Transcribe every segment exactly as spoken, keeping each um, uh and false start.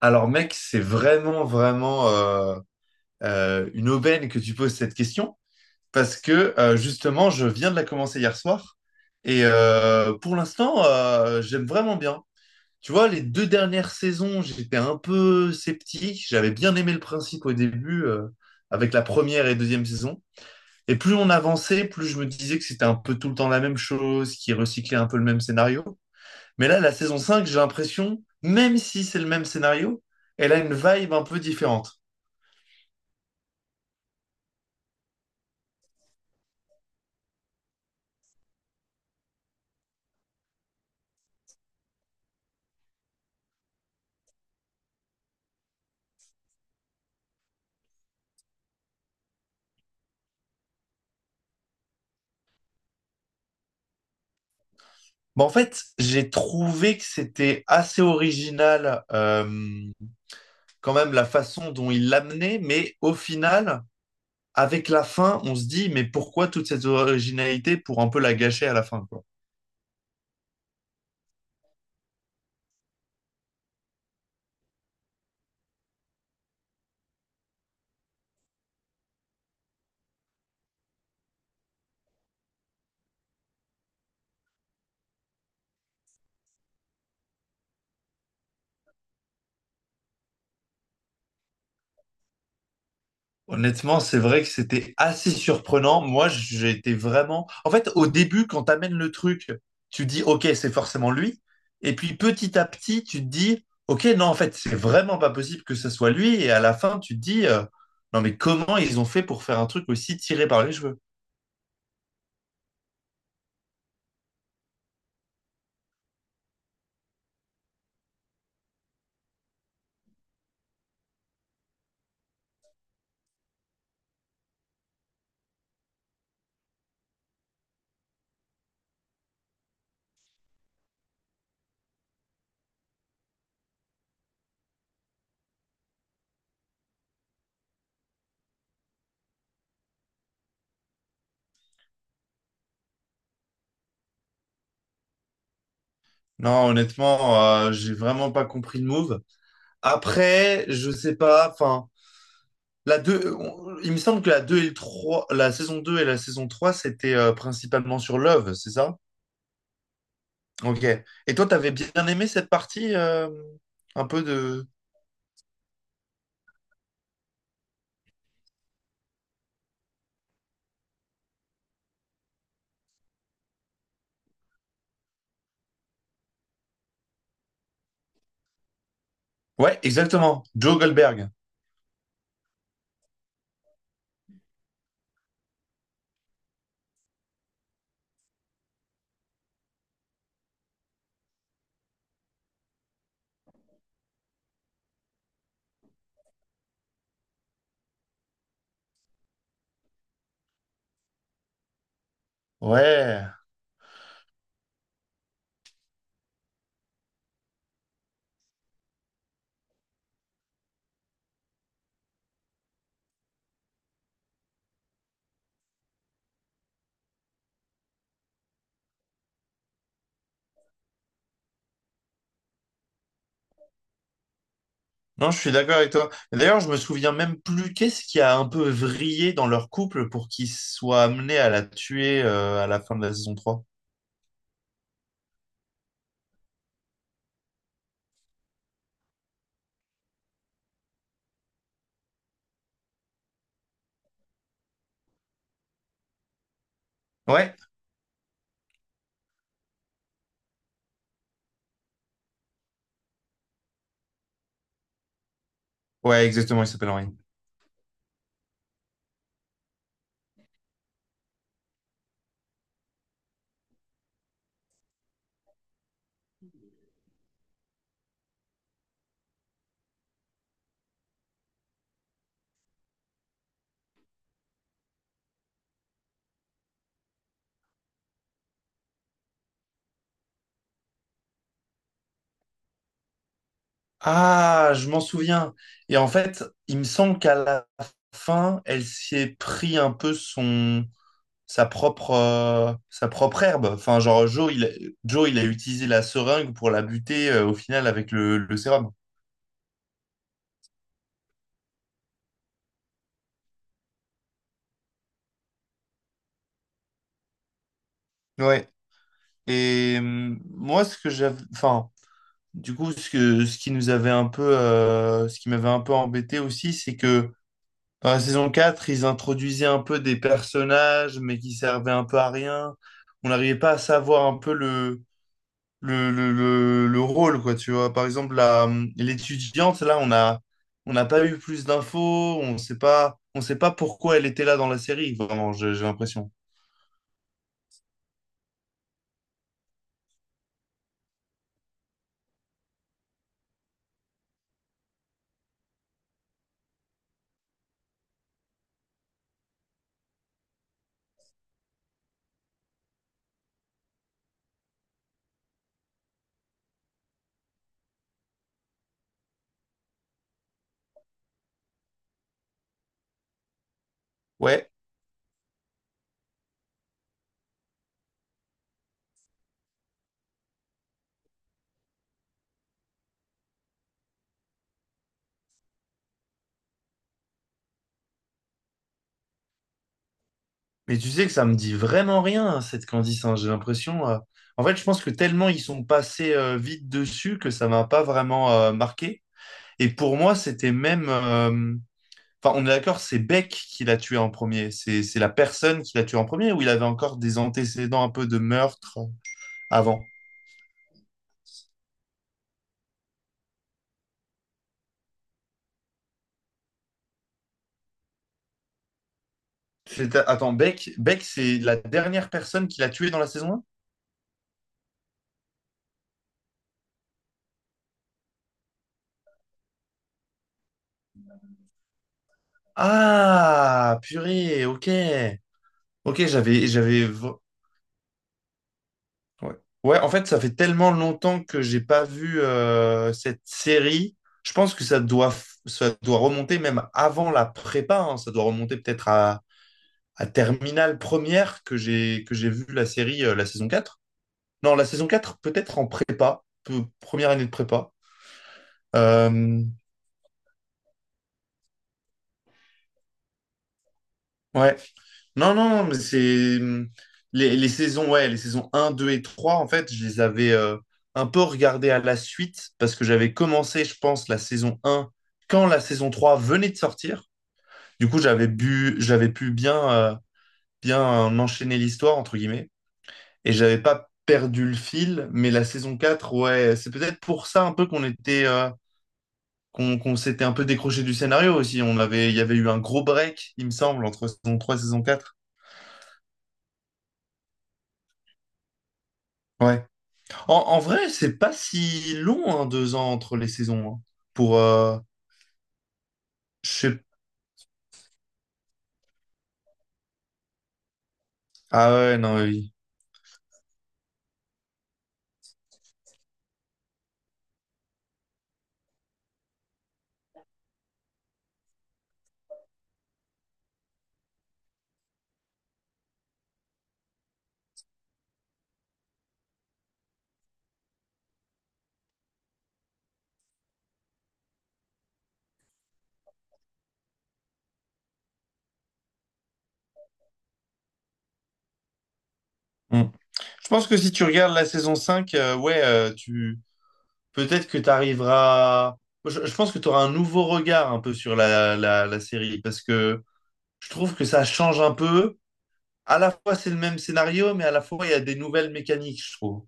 Alors mec, c'est vraiment, vraiment euh, euh, une aubaine que tu poses cette question parce que euh, justement, je viens de la commencer hier soir et euh, pour l'instant, euh, j'aime vraiment bien. Tu vois, les deux dernières saisons, j'étais un peu sceptique. J'avais bien aimé le principe au début euh, avec la première et deuxième saison. Et plus on avançait, plus je me disais que c'était un peu tout le temps la même chose, qui recyclait un peu le même scénario. Mais là, la saison cinq, j'ai l'impression, même si c'est le même scénario, elle a une vibe un peu différente. Bon, en fait, j'ai trouvé que c'était assez original, euh, quand même, la façon dont il l'amenait, mais au final, avec la fin, on se dit, mais pourquoi toute cette originalité pour un peu la gâcher à la fin, quoi. Honnêtement, c'est vrai que c'était assez surprenant. Moi, j'ai été vraiment… En fait, au début, quand t'amènes le truc, tu dis, OK, c'est forcément lui. Et puis, petit à petit, tu te dis, OK, non, en fait, c'est vraiment pas possible que ce soit lui. Et à la fin, tu te dis, euh, non, mais comment ils ont fait pour faire un truc aussi tiré par les cheveux? Non, honnêtement, euh, j'ai vraiment pas compris le move. Après, je sais pas, enfin, la deux, on- il me semble que la deux et le trois, la saison deux et la saison trois, c'était euh, principalement sur Love, c'est ça? Ok. Et toi, t'avais bien aimé cette partie euh, un peu de… Ouais, exactement. Joe Goldberg. Ouais. Non, je suis d'accord avec toi. Et d'ailleurs, je me souviens même plus qu'est-ce qui a un peu vrillé dans leur couple pour qu'ils soient amenés à la tuer euh, à la fin de la saison trois. Ouais. Ouais, exactement, il s'appelle Henry. Ah, je m'en souviens. Et en fait, il me semble qu'à la fin, elle s'est pris un peu son… sa propre, euh, sa propre herbe. Enfin, genre, Joe il, a- Joe, il a utilisé la seringue pour la buter euh, au final avec le, le sérum. Ouais. Et hum, moi, ce que j'avais. Enfin, du coup, ce que, ce qui nous avait un peu. euh, ce qui m'avait un peu embêté aussi, c'est que dans la saison quatre ils introduisaient un peu des personnages, mais qui servaient un peu à rien. On n'arrivait pas à savoir un peu le le, le, le, le rôle, quoi, tu vois. Par exemple, la, hum, l'étudiante, là, on a, on n'a pas eu plus d'infos, on sait pas, on sait pas pourquoi elle était là dans la série, vraiment, j'ai j'ai l'impression. Ouais, mais tu sais que ça me dit vraiment rien, hein, cette Candice, hein, j'ai l'impression. euh, En fait, je pense que tellement ils sont passés euh, vite dessus que ça m'a pas vraiment euh, marqué. Et pour moi, c'était même. euh, Enfin, on est d'accord, c'est Beck qui l'a tué en premier. C'est c'est la personne qui l'a tué en premier ou il avait encore des antécédents un peu de meurtre euh, avant? C'est- Attends, Beck, Beck, c'est la dernière personne qu'il a tuée dans la saison un? Ah, purée, ok. Ok, j'avais, j'avais. v- Ouais. Ouais, en fait, ça fait tellement longtemps que j'ai pas vu euh, cette série. Je pense que ça doit, f- ça doit remonter même avant la prépa. Hein. Ça doit remonter peut-être à, à Terminale première que j'ai que j'ai vu la série, euh, la saison quatre. Non, la saison quatre peut-être en prépa, peu- première année de prépa. Euh, ouais. Non, non, non, mais c'est hum, les, les saisons, ouais, les saisons un deux et trois en fait, je les avais euh, un peu regardées à la suite parce que j'avais commencé, je pense, la saison un quand la saison trois venait de sortir. Du coup, j'avais bu, j'avais pu bien, euh, bien enchaîner l'histoire, entre guillemets, et j'avais pas perdu le fil, mais la saison quatre ouais, c'est peut-être pour ça un peu qu'on était, euh, qu'on qu'on s'était un peu décroché du scénario aussi. On avait, il y avait eu un gros break, il me semble, entre saison trois et saison quatre. En, en vrai, c'est pas si long, hein, deux ans entre les saisons. Hein. Pour, euh, je sais… Ah ouais, non, oui. Hmm. Je pense que si tu regardes la saison cinq, euh, ouais, euh, tu… peut-être que tu arriveras… Je, je pense que tu auras un nouveau regard un peu sur la, la, la série, parce que je trouve que ça change un peu. À la fois, c'est le même scénario, mais à la fois, il y a des nouvelles mécaniques, je trouve.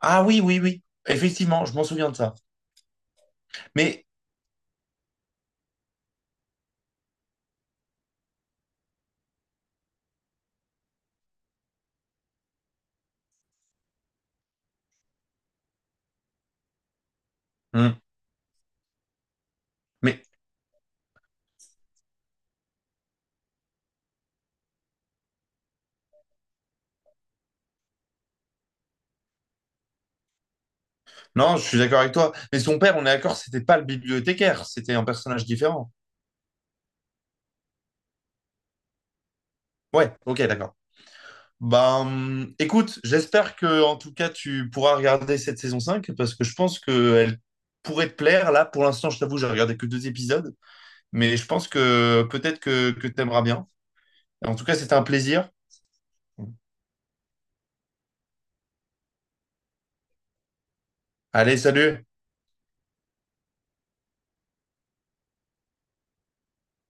Ah oui, oui, oui. Effectivement, je m'en souviens de ça. Mais, Hmm. mais non, je suis d'accord avec toi. Mais son père, on est d'accord, c'était pas le bibliothécaire, c'était un personnage différent. Ouais, ok, d'accord. Ben, écoute, j'espère que en tout cas tu pourras regarder cette saison cinq parce que je pense qu'elle pourrait te plaire. Là, pour l'instant, je t'avoue, j'ai regardé que deux épisodes, mais je pense que peut-être que, que t'aimeras bien. En tout cas, c'était un plaisir. Allez, salut!